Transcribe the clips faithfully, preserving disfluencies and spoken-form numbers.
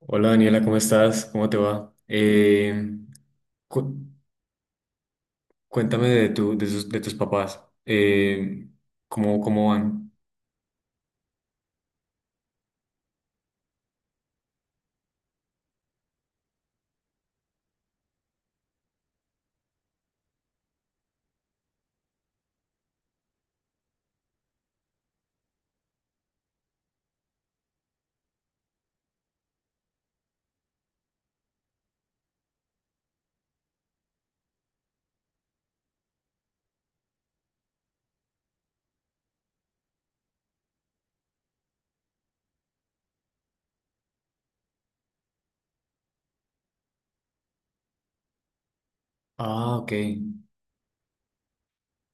Hola Daniela, ¿cómo estás? ¿Cómo te va? Eh, cu- Cuéntame de, tu, de, sus- de tus papás. Eh, ¿cómo, cómo van? Ah, ok.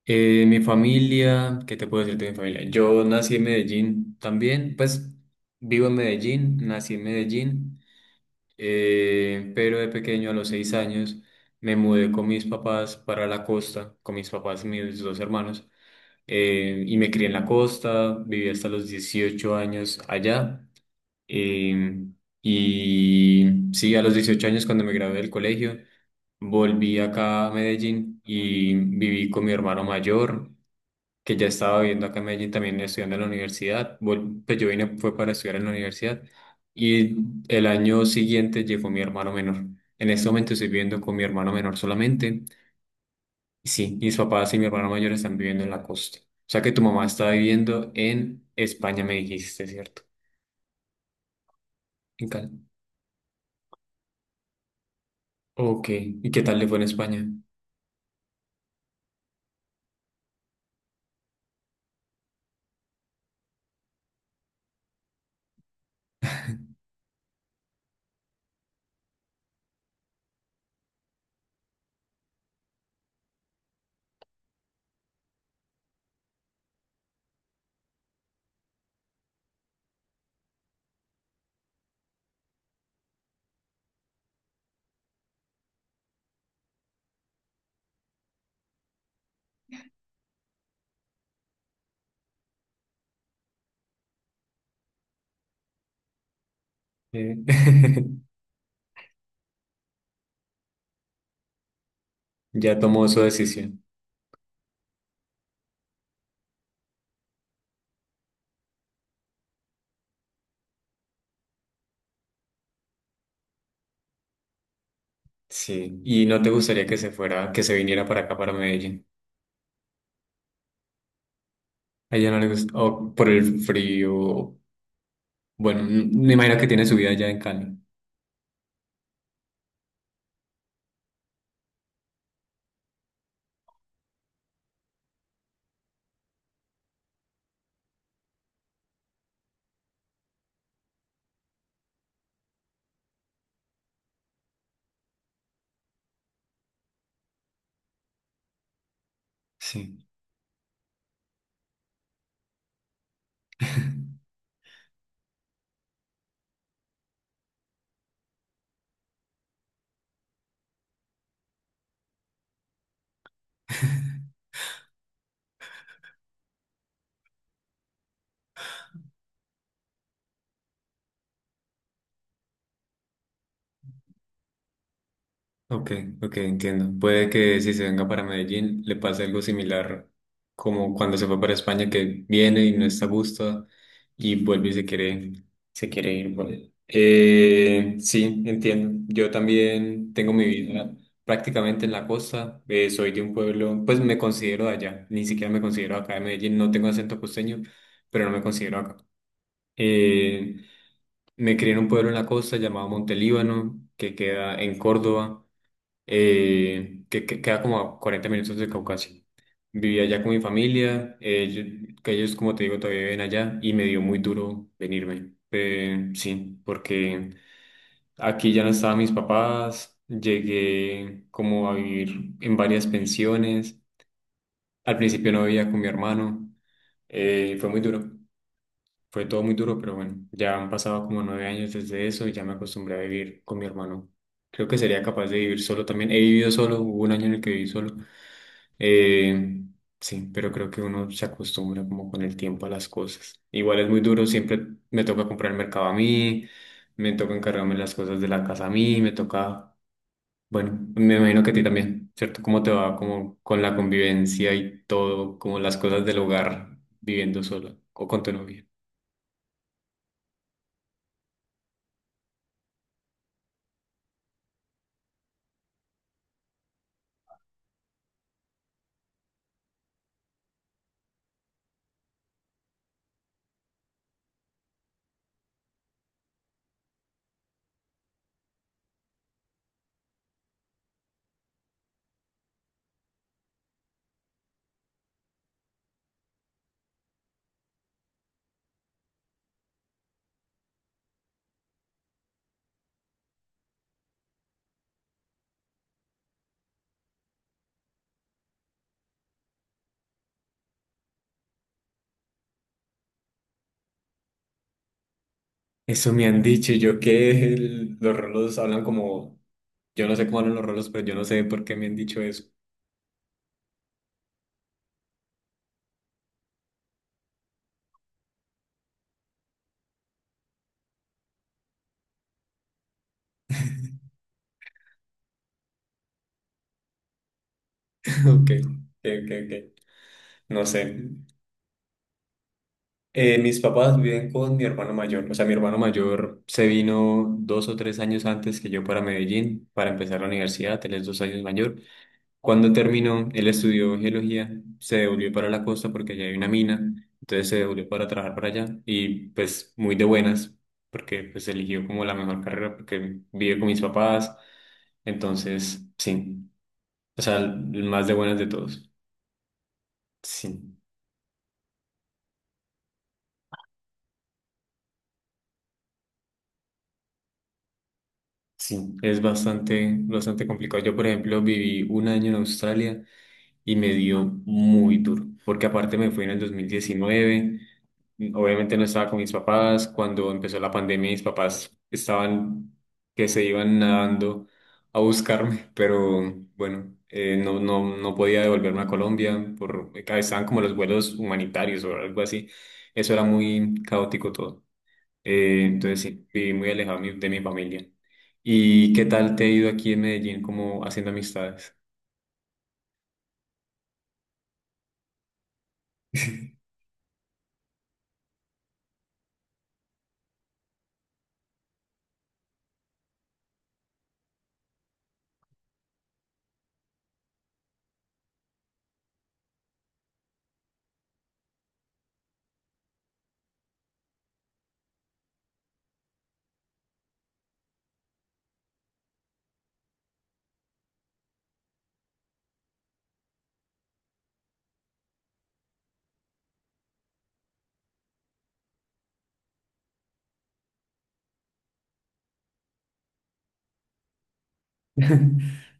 Eh, mi familia, ¿qué te puedo decir de mi familia? Yo nací en Medellín también, pues vivo en Medellín, nací en Medellín, eh, pero de pequeño a los seis años me mudé con mis papás para la costa, con mis papás y mis dos hermanos. Eh, y me crié en la costa, viví hasta los dieciocho años allá. eh, y sí, a los dieciocho años cuando me gradué del colegio, volví acá a Medellín y viví con mi hermano mayor, que ya estaba viviendo acá en Medellín también estudiando en la universidad. Vol- pues yo vine fue para estudiar en la universidad y el año siguiente llegó mi hermano menor. En este momento estoy viviendo con mi hermano menor solamente. Sí, mis papás y mi hermano mayor están viviendo en la costa. O sea que tu mamá está viviendo en España, me dijiste, ¿cierto? En Cali. Ok, ¿y qué tal le fue en España? Eh, Ya tomó su decisión. Sí, ¿y no te gustaría que se fuera, que se viniera para acá, para Medellín? A ella no le gusta, o por el frío. Bueno, m- me imagino que tiene su vida allá en Cali. Sí. Ok, ok, entiendo. Puede que si se venga para Medellín le pase algo similar como cuando se fue para España, que viene y no está a gusto y vuelve y se quiere, se quiere ir. Bueno, eh, sí, entiendo. Yo también tengo mi vida prácticamente en la costa. Eh, soy de un pueblo, pues me considero de allá. Ni siquiera me considero acá de Medellín. No tengo acento costeño, pero no me considero acá. Eh, Me crié en un pueblo en la costa llamado Montelíbano, que queda en Córdoba, eh, que, que queda como a cuarenta minutos de Caucasia. Vivía allá con mi familia, eh, yo- que ellos, como te digo, todavía viven allá y me dio muy duro venirme. Eh, sí, porque aquí ya no estaban mis papás, llegué como a vivir en varias pensiones, al principio no vivía con mi hermano, eh, fue muy duro. Fue todo muy duro, pero bueno, ya han pasado como nueve años desde eso y ya me acostumbré a vivir con mi hermano. Creo que sería capaz de vivir solo también. He vivido solo, hubo un año en el que viví solo, eh, sí, pero creo que uno se acostumbra como con el tiempo a las cosas. Igual es muy duro, siempre me toca comprar el mercado a mí, me toca encargarme las cosas de la casa a mí, me toca, bueno, me imagino que a ti también, ¿cierto? ¿Cómo te va como con la convivencia y todo, como las cosas del hogar viviendo sola o con tu novia? Eso me han dicho y yo que el- los rolos hablan como, yo no sé cómo hablan los rolos, pero yo no sé por qué me han dicho eso. Ok, ok, ok, ok. No sé. Eh, mis papás viven con mi hermano mayor. O sea, mi hermano mayor se vino dos o tres años antes que yo para Medellín para empezar la universidad. Él es dos años mayor. Cuando terminó, él estudió geología, se devolvió para la costa porque allá hay una mina. Entonces se devolvió para trabajar para allá y pues muy de buenas porque pues eligió como la mejor carrera porque vive con mis papás. Entonces, sí. O sea, el más de buenas de todos. Sí. Sí, es bastante, bastante complicado. Yo, por ejemplo, viví un año en Australia y me dio muy duro, porque aparte me fui en el dos mil diecinueve, obviamente no estaba con mis papás, cuando empezó la pandemia mis papás estaban que se iban nadando a buscarme, pero bueno, eh, no, no, no podía devolverme a Colombia, por, eh, estaban como los vuelos humanitarios o algo así, eso era muy caótico todo. Eh, entonces sí, viví muy alejado de mi, de mi familia. ¿Y qué tal te ha ido aquí en Medellín como haciendo amistades?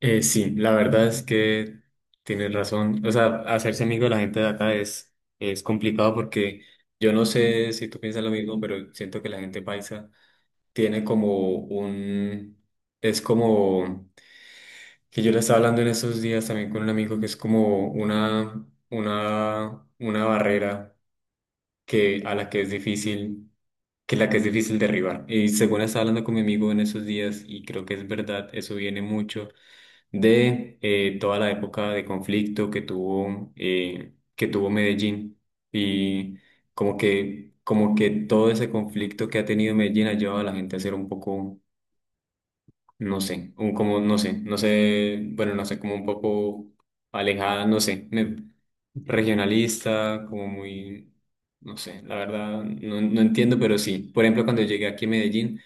Eh, sí, la verdad es que tienes razón. O sea, hacerse amigo de la gente de acá es, es complicado porque yo no sé si tú piensas lo mismo, pero siento que la gente paisa tiene como un... Es como... Que yo le estaba hablando en estos días también con un amigo que es como una, una, una barrera que, a la que es difícil que la que es difícil derribar. Y según estaba hablando con mi amigo en esos días, y creo que es verdad, eso viene mucho de eh, toda la época de conflicto que tuvo, eh, que tuvo Medellín. Y como que, como que todo ese conflicto que ha tenido Medellín ha llevado a la gente a ser un poco no sé, un- como, no sé, no sé, bueno, no sé, como un poco alejada, no sé, me- regionalista, como muy, no sé, la verdad, no, no entiendo, pero sí. Por ejemplo, cuando llegué aquí a Medellín,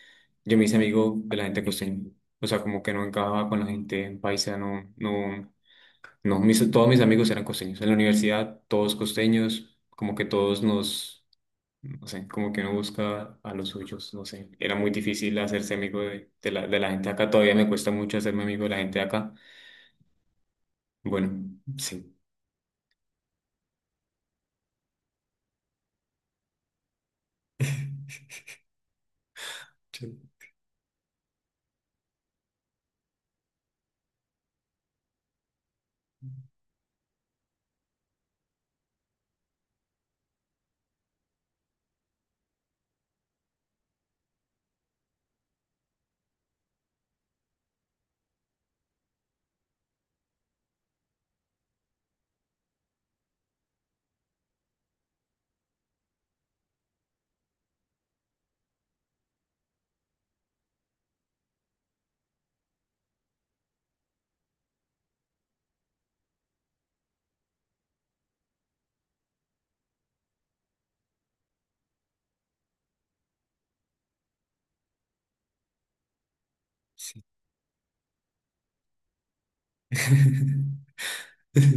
yo me hice amigo de la gente costeña, o sea, como que no encajaba con la gente paisa, no, no, no, mis- todos mis amigos eran costeños, en la universidad todos costeños, como que todos nos no sé, como que uno busca a los suyos, no sé. Era muy difícil hacerse amigo de, de la, de la gente acá, todavía me cuesta mucho hacerme amigo de la gente acá. Bueno, sí, sí, sí.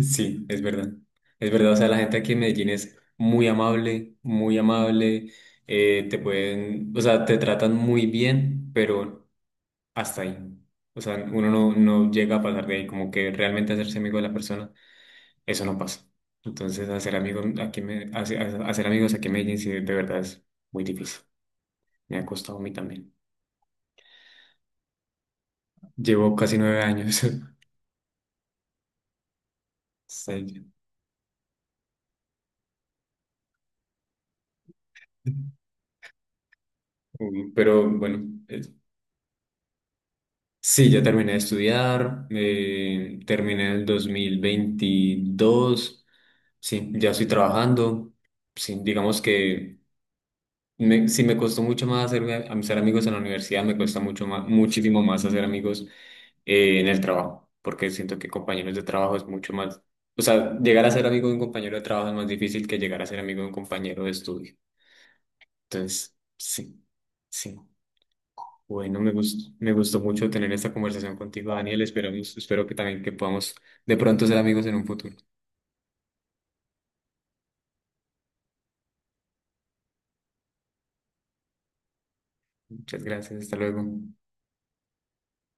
Sí, es verdad. Es verdad, o sea, la gente aquí en Medellín es muy amable, muy amable, eh, te pueden, o sea, te tratan muy bien, pero hasta ahí. O sea, uno no, no llega a pasar de ahí, como que realmente hacerse amigo de la persona. Eso no pasa. Entonces, hacer amigos aquí me, hace- hace- hacer amigos aquí en Medellín sí, de verdad es muy difícil. Me ha costado a mí también. Llevo casi nueve años. Sí. Um, Pero bueno, eh, sí, ya terminé de estudiar, eh, terminé el dos mil veintidós. Sí, ya estoy trabajando, sí, digamos que Me, sí, me costó mucho más hacerme, am- ser amigos en la universidad, me cuesta mucho más, muchísimo más hacer amigos eh, en el trabajo, porque siento que compañeros de trabajo es mucho más, o sea, llegar a ser amigo de un compañero de trabajo es más difícil que llegar a ser amigo de un compañero de estudio. Entonces, sí, sí. Bueno, me gustó, me gustó mucho tener esta conversación contigo, Daniel. Esperamos, espero que también que podamos de pronto ser amigos en un futuro. Muchas gracias, hasta luego.